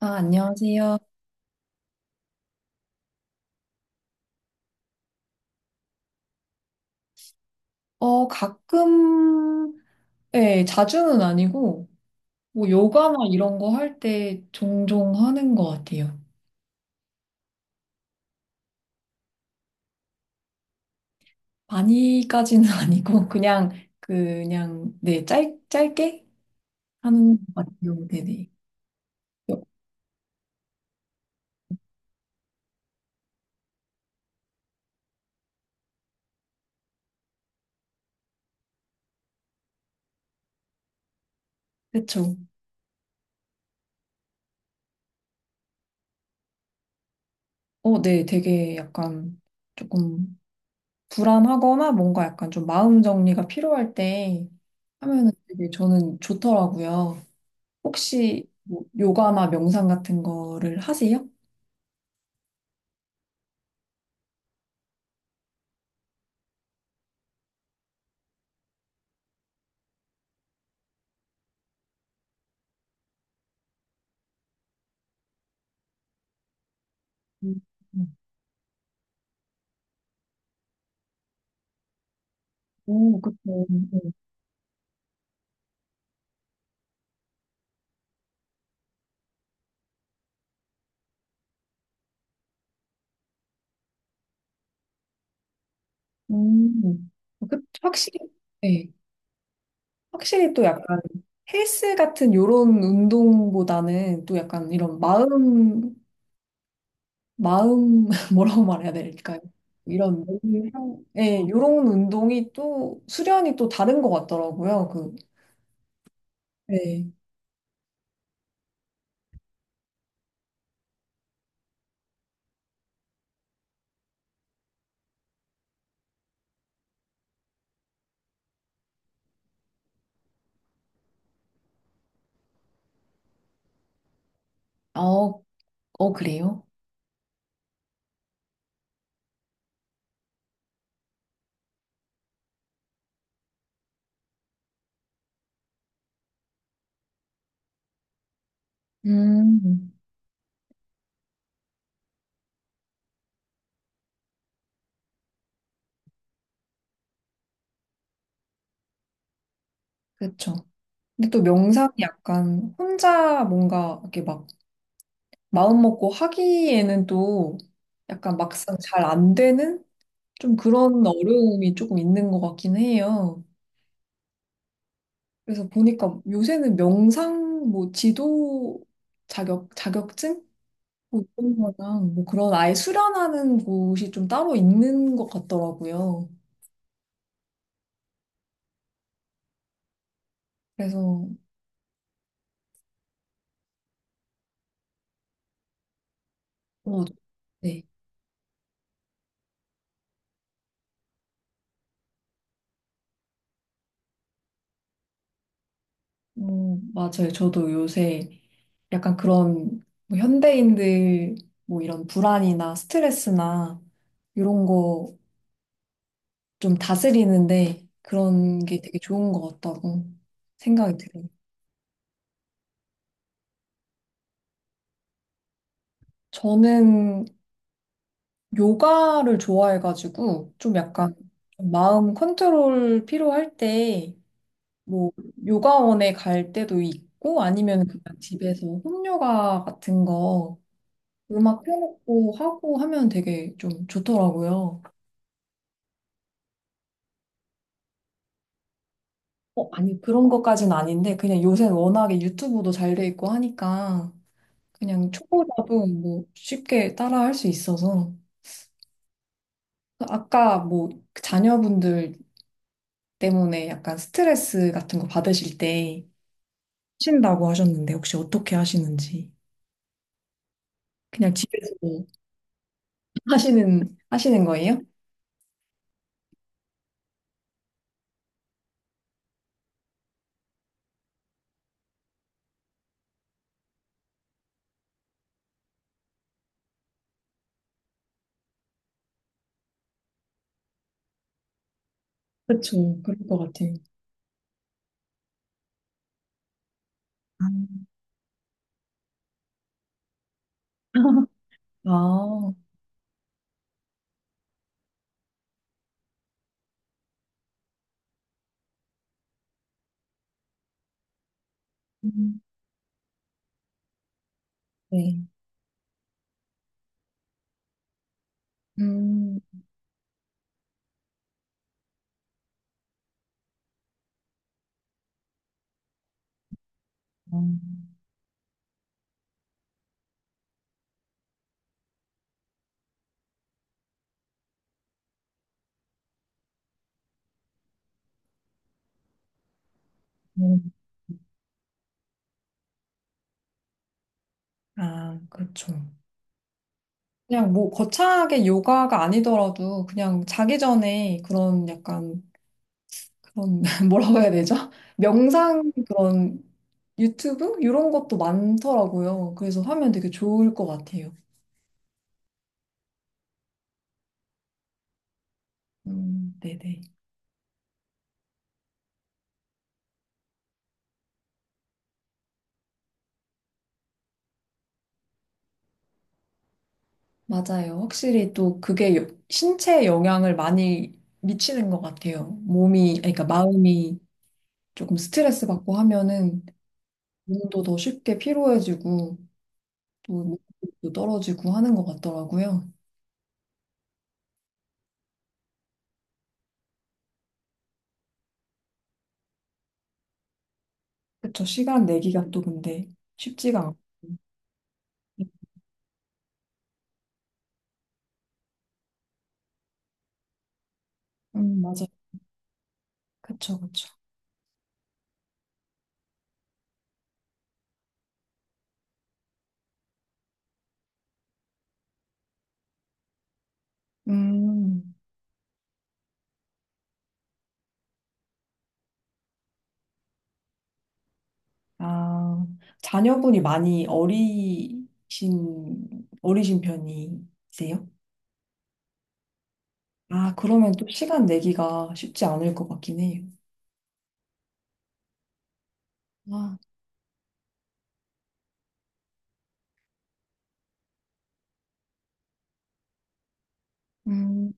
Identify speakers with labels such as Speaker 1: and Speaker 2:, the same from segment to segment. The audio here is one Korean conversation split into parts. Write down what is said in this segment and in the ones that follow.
Speaker 1: 아, 안녕하세요. 가끔, 예, 자주는 아니고, 뭐, 요가나 이런 거 할 때 종종 하는 것 같아요. 많이까지는 아니고, 그냥, 그냥, 네, 짧게 하는 것 같아요. 네네. 요- 그쵸. 네, 되게 약간 조금 불안하거나 뭔가 약간 좀 마음 정리가 필요할 때 하면은 되게 저는 좋더라고요. 혹시 뭐 요가나 명상 같은 거를 하세요? 음, 음. 오, 그쵸. 음, 음. 확실히, 네. 확실히 또 약간 헬스 같은 요런 운동보다는 또 약간 이런 마음, 마음, 뭐라고 말해야 될까요? 이런, 몸, 네, 요런 운동이 또 수련이 또 다른 것 같더라고요. 그, 네. 어, 어, 그래요? 음, 그쵸. 근데 또 명상이 약간 혼자 뭔가 이렇게 막 마음먹고 하기에는 또 약간 막상 잘 안 되는 좀 그런 어려움이 조금 있는 것 같긴 해요. 그래서 보니까 요새는 명상, 뭐 지도 자격증? 뭐 이런 거랑 뭐 그런 아예 수련하는 곳이 좀 따로 있는 것 같더라고요. 그래서, 어, 네. 맞아요. 저도 요새 약간 그런 뭐 현대인들 뭐 이런 불안이나 스트레스나 이런 거 좀 다스리는데 그런 게 되게 좋은 것 같다고 생각이 들어요. 저는 요가를 좋아해가지고 좀 약간 마음 컨트롤 필요할 때 뭐 요가원에 갈 때도 있고 아니면 그냥 집에서 홈요가 같은 거 음악 켜놓고 하고 하면 되게 좀 좋더라고요. 아니 그런 것까진 아닌데 그냥 요새 워낙에 유튜브도 잘 돼 있고 하니까 그냥 초보자도 뭐 쉽게 따라 할 수 있어서 아까 뭐 그 자녀분들 때문에 약간 스트레스 같은 거 받으실 때 하신다고 하셨는데 혹시 어떻게 하시는지 그냥 집에서 뭐 하시는 거예요? 그렇죠. 그럴 것 같아요. 아, 아, 음. 네. 음, 음, 음. 아, 그렇죠. 그냥 뭐 거창하게 요가가 아니더라도 그냥 자기 전에 그런 약간 그런 뭐라고 해야 되죠? 명상 그런 유튜브 이런 것도 많더라고요. 그래서 하면 되게 좋을 것 같아요. 네네. 맞아요. 확실히 또 그게 신체에 영향을 많이 미치는 것 같아요. 몸이, 아니, 그러니까 마음이 조금 스트레스 받고 하면은 몸도 더 쉽게 피로해지고 또 몸도 떨어지고 하는 것 같더라고요. 그쵸. 시간 내기가 또 근데 쉽지가 않고. 맞아요. 그쵸, 그쵸. 음. 아, 자녀분이 많이 어리신 편이세요? 아, 그러면 또 시간 내기가 쉽지 않을 것 같긴 해요. 아, 음,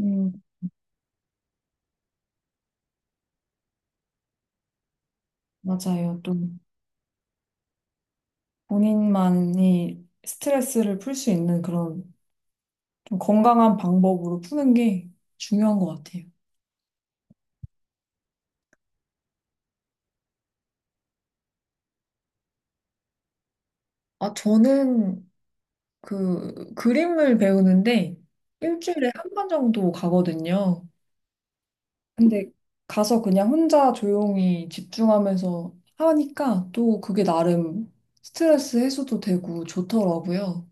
Speaker 1: 음, 맞아요. 또 본인만이 스트레스를 풀 수 있는 그런 좀 건강한 방법으로 푸는 게 중요한 것 같아요. 아, 저는 그 그림을 배우는데 일주일에 한 번 정도 가거든요. 근데 가서 그냥 혼자 조용히 집중하면서 하니까 또 그게 나름 스트레스 해소도 되고 좋더라고요.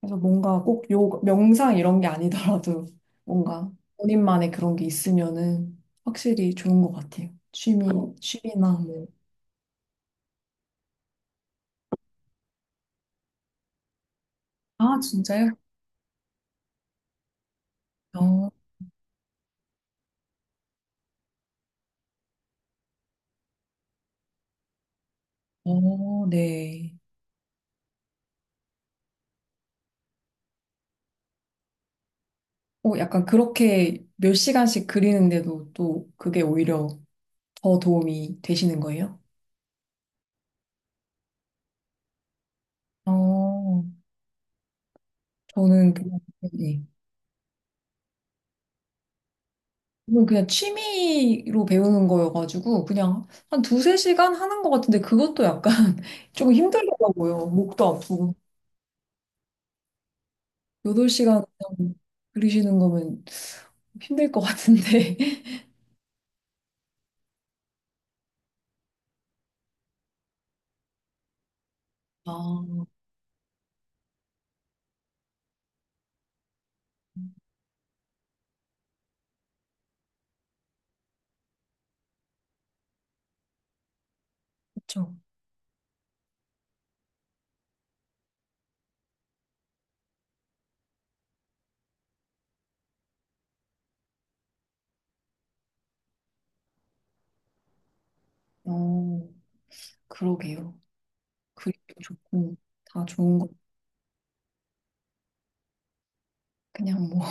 Speaker 1: 그래서 뭔가 꼭 명상 이런 게 아니더라도 뭔가 본인만의 그런 게 있으면은 확실히 좋은 것 같아요. 취미나 뭐. 아, 진짜요? 어, 어, 네. 약간 그렇게 몇 시간씩 그리는데도 또 그게 오히려 더 도움이 되시는 거예요? 어, 저는 그냥, 네. 이건 그냥 취미로 배우는 거여가지고 그냥 한 두세 시간 하는 것 같은데 그것도 약간 조금 힘들더라고요. 목도 아프고. 8시간 그냥 그리시는 거면 힘들 것 같은데. 아, 그렇죠. 어, 그러게요. 그림도 좋고 다 좋은 거 그냥 뭐.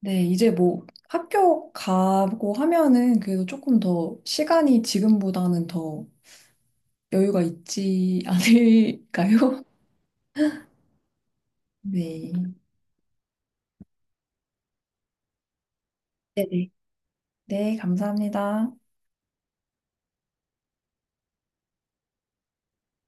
Speaker 1: 네, 이제 뭐 학교 가고 하면은 그래도 조금 더 시간이 지금보다는 더 여유가 있지 않을까요? 네. 네네. 네, 감사합니다.